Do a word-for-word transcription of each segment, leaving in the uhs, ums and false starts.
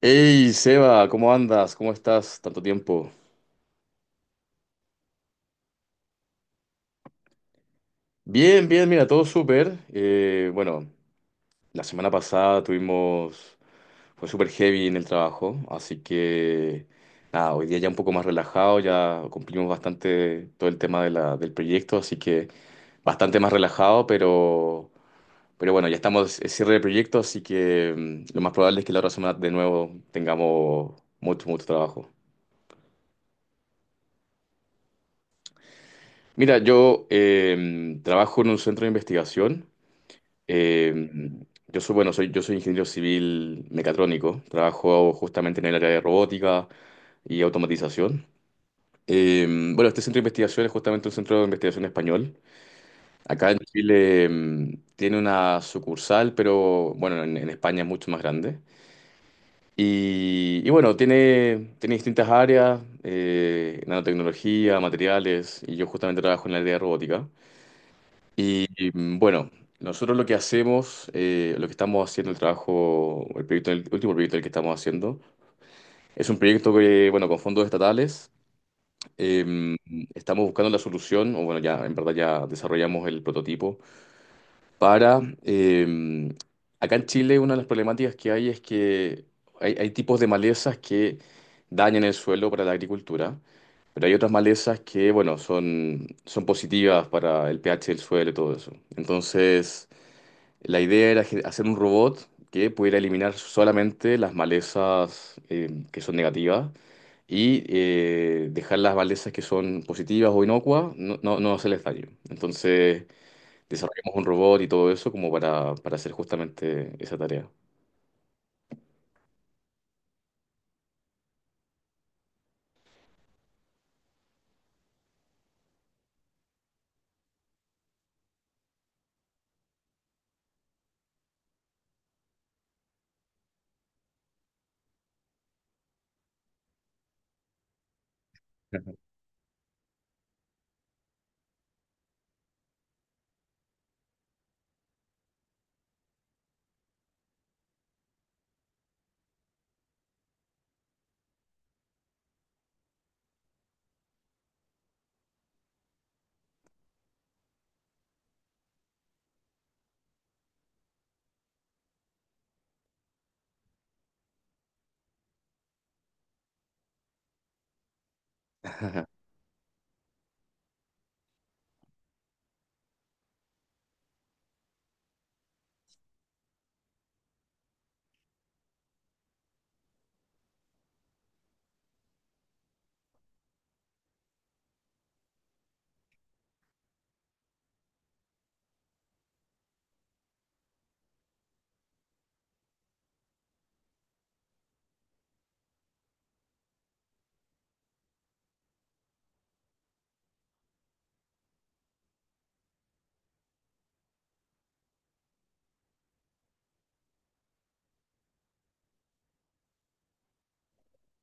Hey Seba, ¿cómo andas? ¿Cómo estás? Tanto tiempo. Bien, bien, mira, todo súper. Eh, bueno, la semana pasada tuvimos, fue súper heavy en el trabajo, así que nada, hoy día ya un poco más relajado, ya cumplimos bastante todo el tema de la- del proyecto, así que bastante más relajado, pero, pero bueno, ya estamos en cierre de proyecto, así que mm, lo más probable es que la otra semana de nuevo tengamos mucho, mucho trabajo. Mira, yo em, trabajo en un centro de investigación. Eh, yo soy, bueno, soy, yo soy ingeniero civil mecatrónico, trabajo justamente en el área de robótica y automatización. Eh, bueno, este centro de investigación es justamente un centro de investigación español. Acá en Chile, eh, tiene una sucursal, pero bueno, en, en España es mucho más grande. Y, y bueno, tiene, tiene distintas áreas, eh, nanotecnología, materiales, y yo justamente trabajo en el área de robótica. Y y, mm, bueno, nosotros lo que hacemos, eh, lo que estamos haciendo, el trabajo, el proyecto, el último proyecto el que estamos haciendo, es un proyecto que, bueno, con fondos estatales, eh, estamos buscando la solución, o bueno, ya en verdad ya desarrollamos el prototipo, para, eh, acá en Chile una de las problemáticas que hay es que hay, hay tipos de malezas que dañan el suelo para la agricultura. Pero hay otras malezas que, bueno, son, son positivas para el pH del suelo y todo eso. Entonces, la idea era ge- hacer un robot que pudiera eliminar solamente las malezas eh, que son negativas y eh, dejar las malezas que son positivas o inocuas no, no, no hacerles daño. Entonces desarrollamos un robot y todo eso como para, para hacer justamente esa tarea.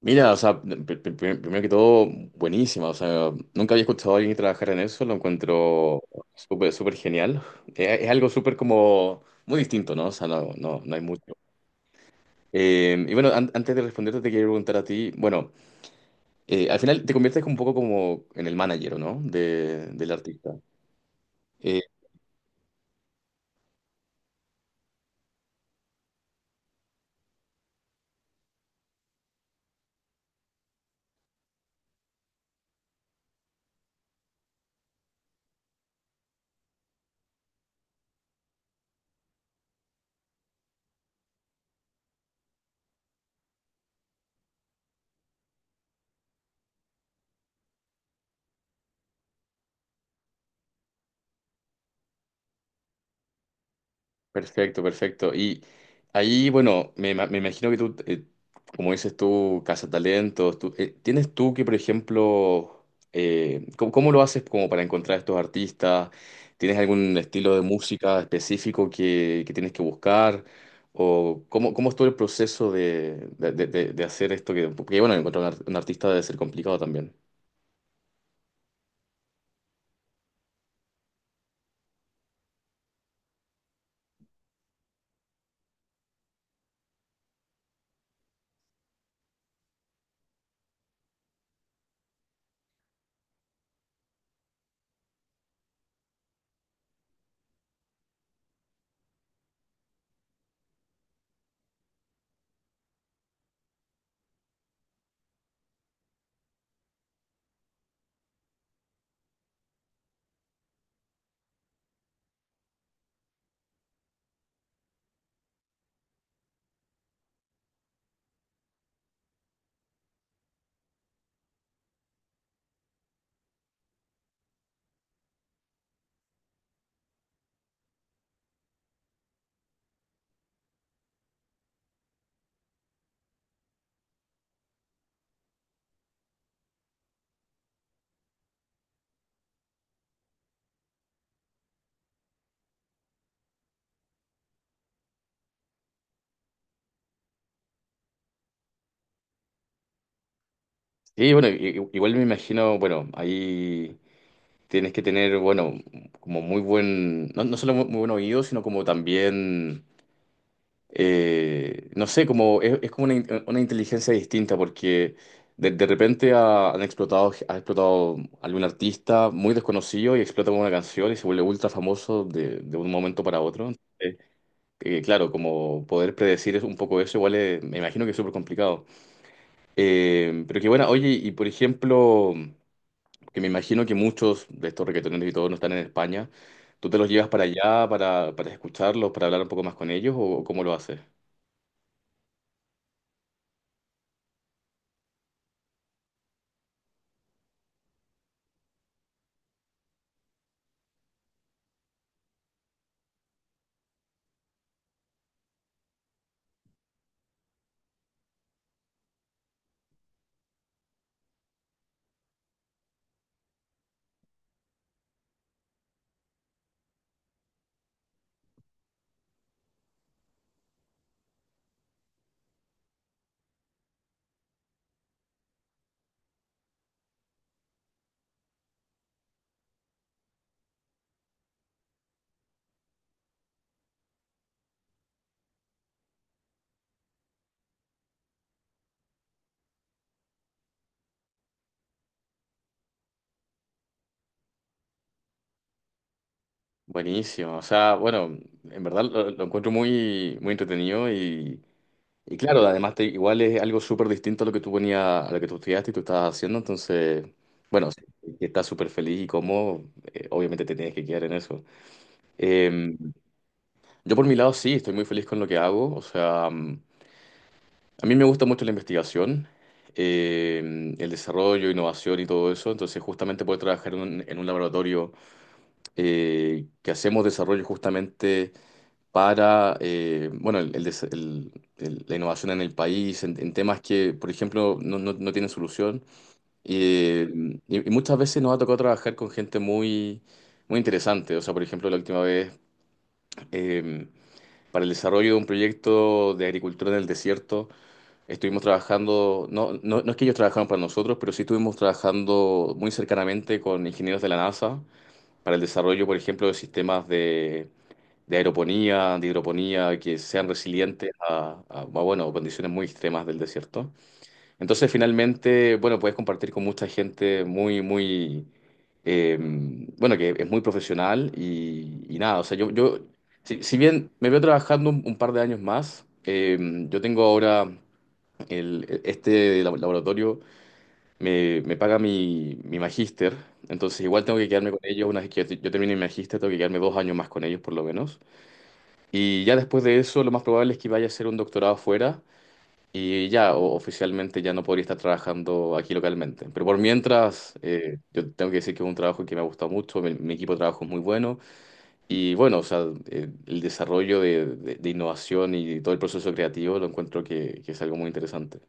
Mira, o sea, pr- pr- pr- primero que todo, buenísima. O sea, nunca había escuchado a alguien trabajar en eso, lo encuentro súper, súper genial. Eh, Es, algo súper como muy distinto, ¿no? O sea, no, no, no hay mucho. Eh, y bueno, an- antes de responderte, te quiero preguntar a ti, bueno, eh, al final te conviertes un poco como en el manager, ¿no? De, del artista. Eh, Perfecto, perfecto. Y ahí, bueno, me, ima- me imagino que tú, eh, como dices tú, cazatalentos, tú, eh, ¿tienes tú que, por ejemplo, eh, ¿cómo, cómo lo haces como para encontrar estos artistas? ¿Tienes algún estilo de música específico que, que tienes que buscar? ¿O cómo, cómo es todo el proceso de, de- de- de- de hacer esto? Que, porque, bueno, encontrar un, ar- un artista debe ser complicado también. Sí, bueno, i- i- igual me imagino, bueno, ahí... Tienes que tener, bueno, como muy buen, no, no solo muy, muy buen oído, sino como también, eh, no sé, como es, es como una, in- una inteligencia distinta, porque de, de repente ha- han explotado, ha explotado algún artista muy desconocido y explota con una canción y se vuelve ultra famoso de, de un momento para otro. Eh, eh, claro, como poder predecir es un poco eso, igual es- me imagino que es súper complicado. Eh, pero que bueno, oye, y por ejemplo que me imagino que muchos de estos reggaetoneros y todos no están en España, ¿tú te los llevas para allá para, para escucharlos, para hablar un poco más con ellos o cómo lo haces? Buenísimo, o sea, bueno, en verdad lo, lo encuentro muy, muy entretenido y, y claro, además te- igual es algo súper distinto a lo que tú ponías, a lo que tú estudiaste y tú estabas haciendo, entonces, bueno, si estás súper feliz y cómodo, eh, obviamente te tienes que quedar en eso. Eh, yo por mi lado sí, estoy muy feliz con lo que hago, o sea... mm, a mí me gusta mucho la investigación, eh, el desarrollo, innovación y todo eso. Entonces, justamente poder trabajar en un, en un laboratorio eh, que hacemos desarrollo justamente para, eh, bueno, el- el des- el- el- la innovación en el país, en, en temas que, por ejemplo, no, no- no tienen solución. Eh, y, y muchas veces nos ha tocado trabajar con gente muy, muy interesante. O sea, por ejemplo, la última vez, eh, para el desarrollo de un proyecto de agricultura en el desierto. Estuvimos trabajando, no, no, no es que ellos trabajaron para nosotros, pero sí estuvimos trabajando muy cercanamente con ingenieros de la NASA para el desarrollo, por ejemplo, de sistemas de, de aeroponía, de hidroponía, que sean resilientes a, a, a, bueno, condiciones muy extremas del desierto. Entonces, finalmente, bueno, puedes compartir con mucha gente muy, muy, eh, bueno, que es muy profesional y, y nada, o sea, yo, yo si, si bien me veo trabajando un, un par de años más, eh, yo tengo ahora el- este lab- laboratorio me, me paga mi, mi magíster, entonces igual tengo que quedarme con ellos. Una vez que yo termine mi magíster, tengo que quedarme dos años más con ellos por lo menos. Y ya después de eso, lo más probable es que vaya a hacer un doctorado afuera y ya o- oficialmente ya no podría estar trabajando aquí localmente. Pero por mientras, eh, yo tengo que decir que es un trabajo que me ha gustado mucho, mi, mi equipo de trabajo es muy bueno y bueno, o sea, eh, el desarrollo de, de- de innovación y todo el proceso creativo lo encuentro que que es algo muy interesante.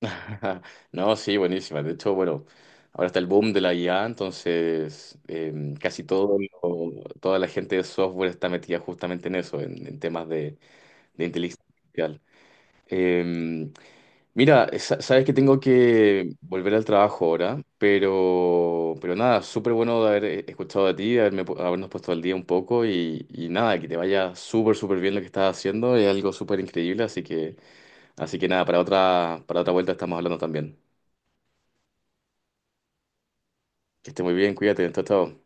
No, sí, buenísima. De hecho, bueno, ahora está el boom de la I A, entonces eh, casi todo lo- toda la gente de software está metida justamente en eso, en, en temas de, de inteligencia artificial. Eh, Mira, sa- sabes que tengo que volver al trabajo ahora, pero, pero nada, súper bueno de haber eh, escuchado de ti, haberme pu- habernos puesto al día un poco y, y nada, que te vaya súper, súper bien lo que estás haciendo, es algo súper increíble, así que, así que nada, para otra, para otra vuelta estamos hablando también. Que esté muy bien, cuídate, chao, chao.